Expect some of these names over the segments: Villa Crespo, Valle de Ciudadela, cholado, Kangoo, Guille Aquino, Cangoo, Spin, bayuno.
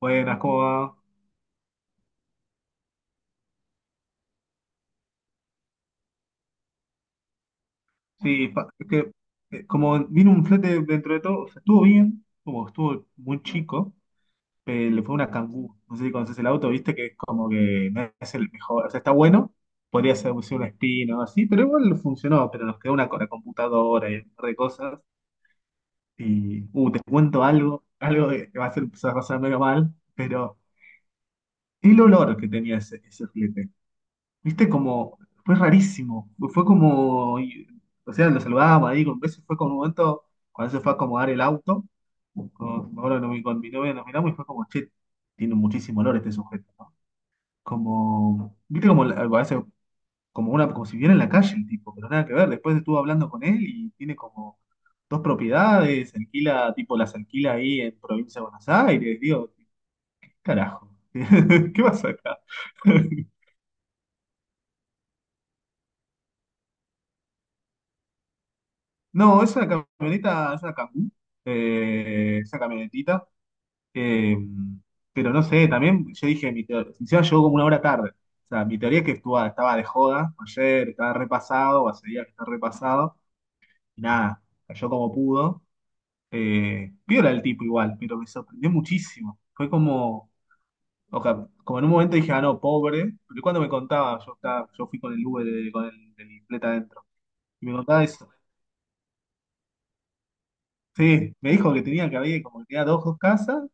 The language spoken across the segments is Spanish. Buenas, ¿cómo va? Sí, es que como vino un flete dentro de todo, o sea, estuvo bien, como estuvo muy chico, pero le fue una Kangoo. No sé si conoces el auto, viste que es como que no es el mejor, o sea, está bueno, podría ser, ser un Spin o así, pero igual funcionó, pero nos quedó una, con la computadora y un par de cosas. Y, te cuento algo, algo que va a ser, se va a pasar medio mal, pero el olor que tenía ese flete. Viste, como, fue rarísimo. Fue como, o sea, lo saludábamos ahí con besos. Fue como un momento, cuando se fue a acomodar el auto, con, me acuerdo que con mi novia nos miramos y fue como, che, tiene muchísimo olor este sujeto, ¿no? Como, viste, como, a veces, como una, como si viera en la calle el tipo, pero nada que ver. Después estuve hablando con él y tiene como dos propiedades, alquila, tipo, las alquila ahí en provincia de Buenos Aires. Digo, ¿qué carajo? ¿Qué pasa acá? No, es una camioneta, es una Cangoo, es camionetita, eh, pero no sé, también yo dije, mi teoría, encima llegó como una hora tarde, o sea, mi teoría es que estaba de joda ayer, estaba repasado, o hace días que está repasado, y nada, cayó como pudo, piola el tipo igual, pero me sorprendió muchísimo, fue como, o sea, como en un momento dije, ah, no, pobre, pero cuando me contaba, yo, estaba, yo fui con el Uber, con el flete adentro, y me contaba eso. Sí, me dijo que tenía que había como que tenía dos casas,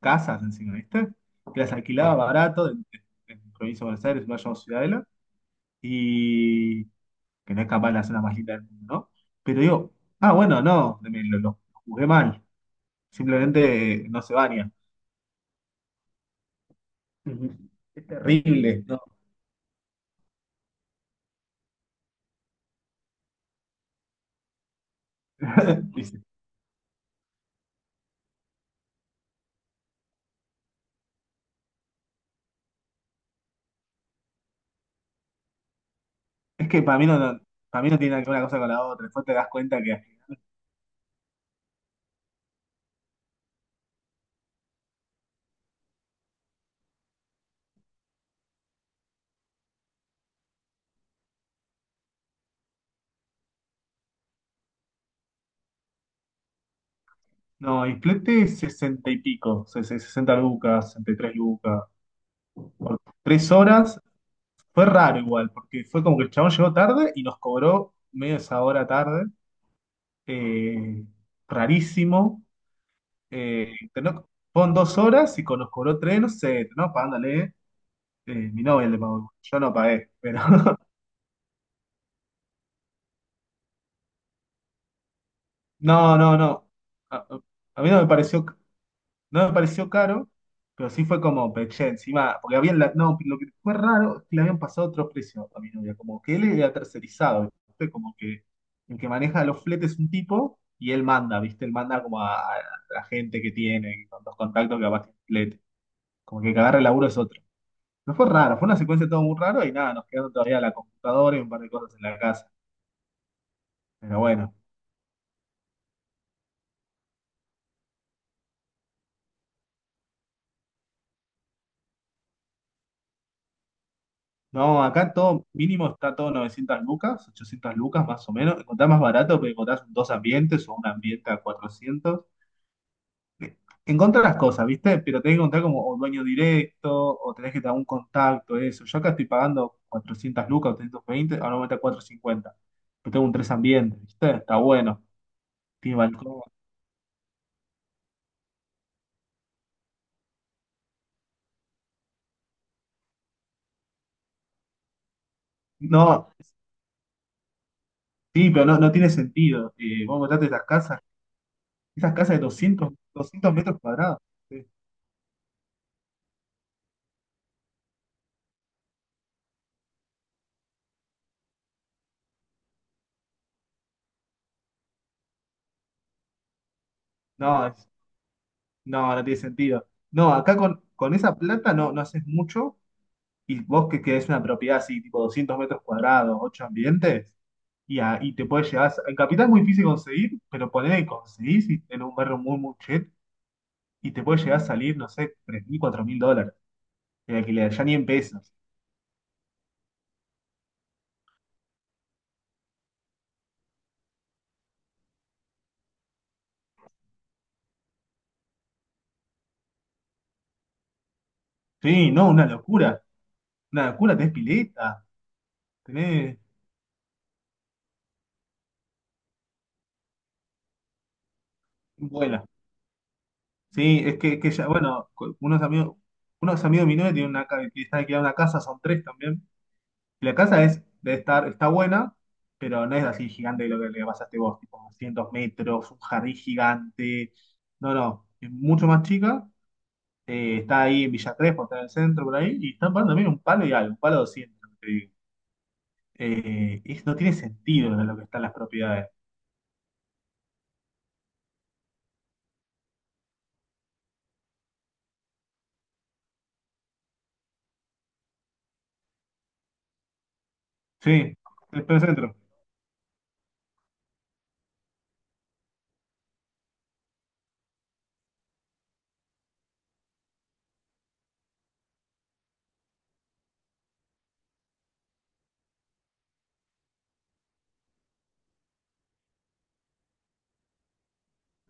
casas encima, ¿viste? Que las alquilaba. Claro. Barato en provincia de Buenos Aires, en Valle de Ciudadela, y que no es capaz de hacer la zona más linda del mundo, ¿no? Pero digo, ah, bueno, no, lo juzgué mal, simplemente no se baña. Ujú. Es terrible. No, dice, es que para mí para mí no tiene nada que ver una cosa con la otra, después te das cuenta que, no, Isplete 60 y pico, ses- 60 lucas, 63 lucas, por 3 horas. Fue raro igual, porque fue como que el chabón llegó tarde y nos cobró media esa hora tarde. eh, Rarísimo. Eh, tenó- Fueron dos horas y con nos cobró tres, no sé, terminamos pagándole. Mi novia le pagó. Yo no pagué, pero. No, no, no. A, a mí no me pareció. No me pareció caro, pero sí fue como peché encima, porque habían, no, lo que fue raro es que le habían pasado otro precio a mi novia, como que él era tercerizado, ¿viste? Como que el que maneja los fletes es un tipo y él manda, ¿viste? Él manda como a la gente que tiene, con los contactos que capaz tiene flete, como que el que agarra el laburo es otro. No fue raro, fue una secuencia todo muy raro y nada, nos quedaron todavía la computadora y un par de cosas en la casa, pero bueno. No, acá todo mínimo está todo 900 lucas, 800 lucas más o menos. Encontrás más barato porque encontrás 2 ambientes o un ambiente a 400. Encontrás las cosas, ¿viste? Pero tenés que encontrar como o dueño directo o tenés que tener un contacto, eso. Yo acá estoy pagando 400 lucas, 320, ahora me a 450. Pero tengo un tres ambientes, ¿viste? Está bueno. Tiene balcón. No, sí, pero no tiene sentido. Vos encontraste esas casas de 200, 200 metros cuadrados. Sí. No, no, no tiene sentido. No, acá con esa plata no haces mucho y vos que querés una propiedad así, tipo 200 metros cuadrados, 8 ambientes, y, y te puedes llegar, en Capital es muy difícil conseguir, pero ponele que conseguís en un barrio muy, muy chet y te puede llegar a salir, no sé, US$3.000, 4.000 de alquiler, ya ni en pesos. Sí, no, una locura, tenés pileta, tenés vuela. Sí, es que ya, bueno, unos amigos de mi novia tienen una, que están alquilando una casa, son tres también. La casa es, debe estar, está buena, pero no es así gigante lo que le pasaste vos, tipo 200 metros, un jardín gigante. No, no, es mucho más chica. Está ahí en Villa Crespo, está en el centro por ahí, y están pagando también un palo y algo, un palo 200, lo que te digo. No tiene sentido lo que están las propiedades. Sí, está en el centro.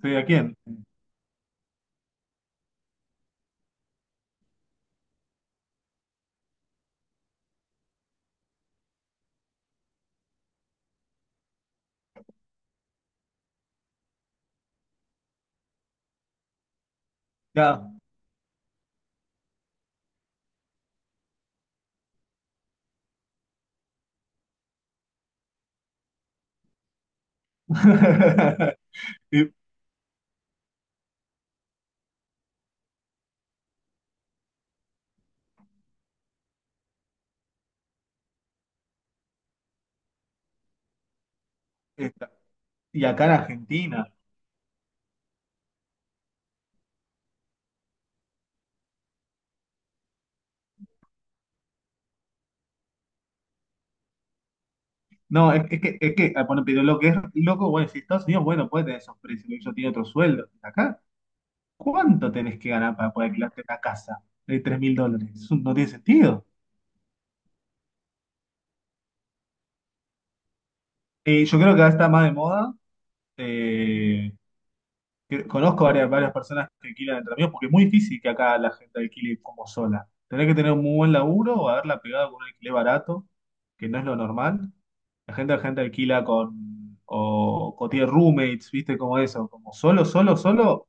Sí, ¿a quién? Ya. Y, esta- y acá en Argentina. No, es que, ah, bueno, pero lo que es loco, bueno, si Estados Unidos, bueno, puede tener esos precios, porque ellos tienen otro sueldo. Acá, ¿cuánto tenés que ganar para poder alquilarte una casa de US$3.000? Eso no tiene sentido. Yo creo que ahora está más de moda. eh, Conozco varias, varias personas que alquilan entre amigos, porque es muy difícil que acá la gente alquile como sola. Tenés que tener un muy buen laburo o haberla pegado con un alquiler barato, que no es lo normal. La gente alquila con, o tiene roommates, ¿viste? Como eso, como solo, solo, solo.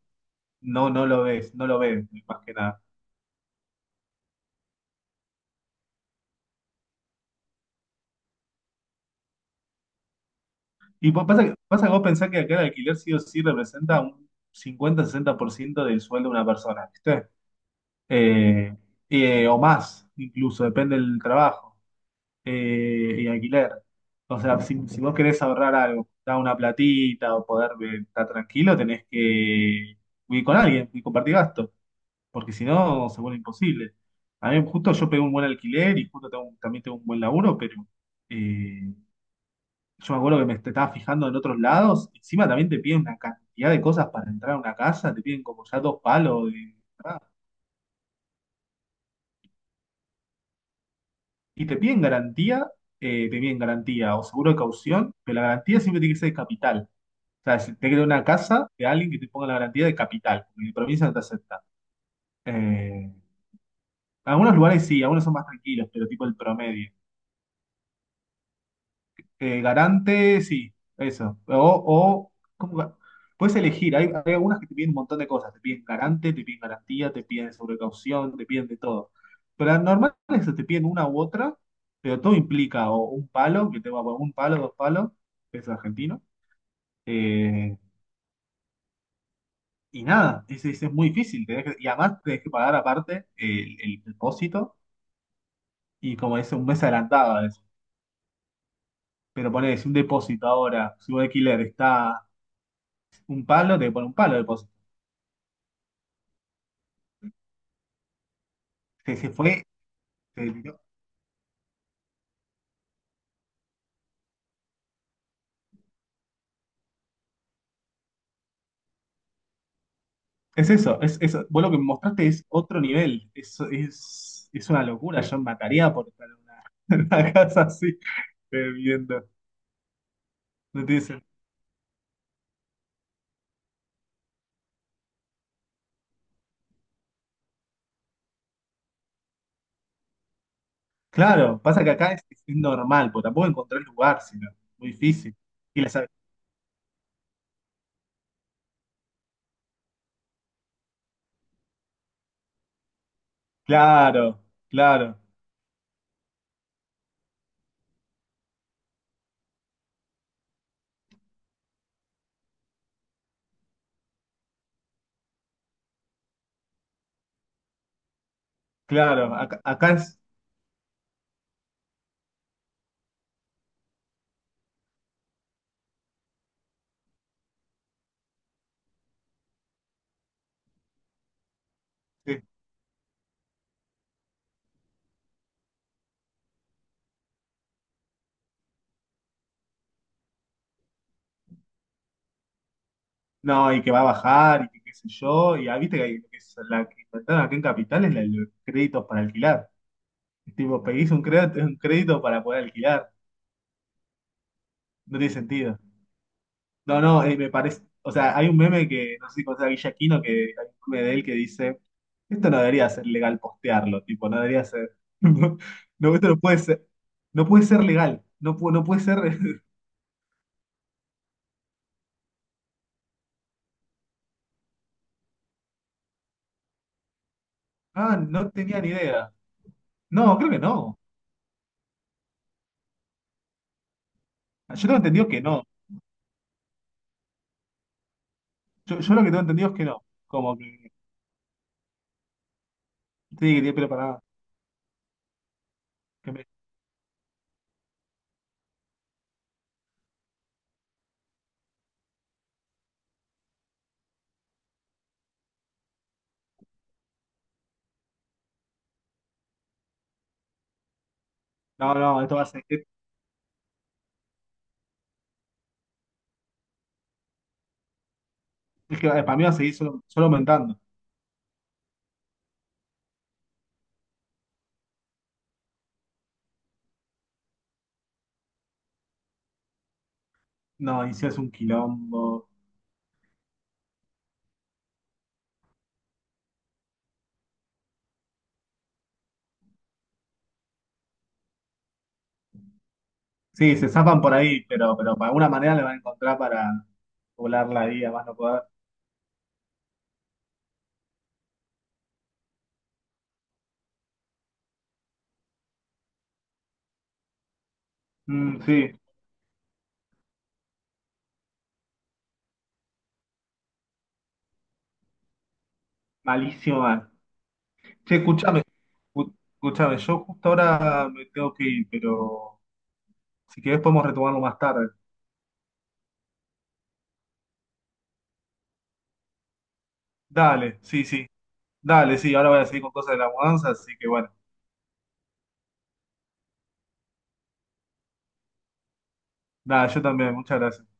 No, no lo ves, no lo ves, más que nada. Y pasa que vos pensás que acá el alquiler sí o sí representa un 50 60% del sueldo de una persona, ¿viste? Eh, o más, incluso, depende del trabajo y alquiler. O sea, si vos querés ahorrar algo, dar una platita o poder estar tranquilo, tenés que vivir con alguien y compartir gastos, porque si no, se vuelve imposible. A mí justo yo pegué un buen alquiler y justo tengo también tengo un buen laburo, pero... eh, Yo me acuerdo que me estaba fijando en otros lados. Encima también te piden una cantidad de cosas para entrar a una casa. Te piden como ya dos palos de entrada. Y te piden garantía o seguro de caución, pero la garantía siempre tiene que ser de capital. O sea, si te queda una casa de alguien que te ponga la garantía de capital, porque de provincia no te acepta. Eh, Algunos lugares sí, algunos son más tranquilos, pero tipo el promedio. Garante, sí, eso. Puedes elegir. Hay algunas que te piden un montón de cosas. Te piden garante, te piden garantía, te piden sobrecaución, te piden de todo. Pero las normales te piden una u otra, pero todo implica o un palo, que te va a poner un palo, dos palos, peso argentino. Eh, y nada, es muy difícil. Y además tenés que pagar aparte el depósito y como es un mes adelantado a veces. Pero ponés un depósito ahora, si un alquiler está un palo, te pone un palo de depósito. Se fue. Se deliró. Es eso, es eso. Vos lo que me mostraste es otro nivel. Es una locura. Yo mataría por estar en una, en una casa así, viviendo. No tiene sentido. Claro, pasa que acá es normal, porque tampoco encontrar lugar, sino muy difícil. Y las, claro, claro, claro. Acá, acá es- no, y que va a bajar, y que qué sé yo. Y ah, viste que, que es la que inventaron aquí en Capital es la de los créditos para alquilar. Es tipo, pedís un crédito para poder alquilar. No tiene sentido. No, no, me parece. O sea, hay un meme que, no sé si conoces a Guille Aquino, que hay un meme de él que dice: Esto no debería ser legal postearlo, tipo, no debería ser. No, esto no puede ser. No puede ser legal. No puede ser. Ah, no tenía ni idea. No, creo que no. Yo tengo entendido que no. Yo lo que tengo entendido es que no. Como que. Sí, que tiene pelo para. que me- No, no, esto va a ser. Es que para mí va a seguir solo, solo aumentando. No, y si es un quilombo. Sí, se zafan por ahí, pero de alguna manera le van a encontrar para volar la vida, más no poder. Mm, sí, malísimo, man. Che, escúchame, escúchame, yo justo ahora me tengo que ir, pero si querés podemos retomarlo más tarde. Dale, sí, sí, dale, sí, ahora voy a seguir con cosas de la mudanza, así que bueno, nada, yo también, muchas gracias.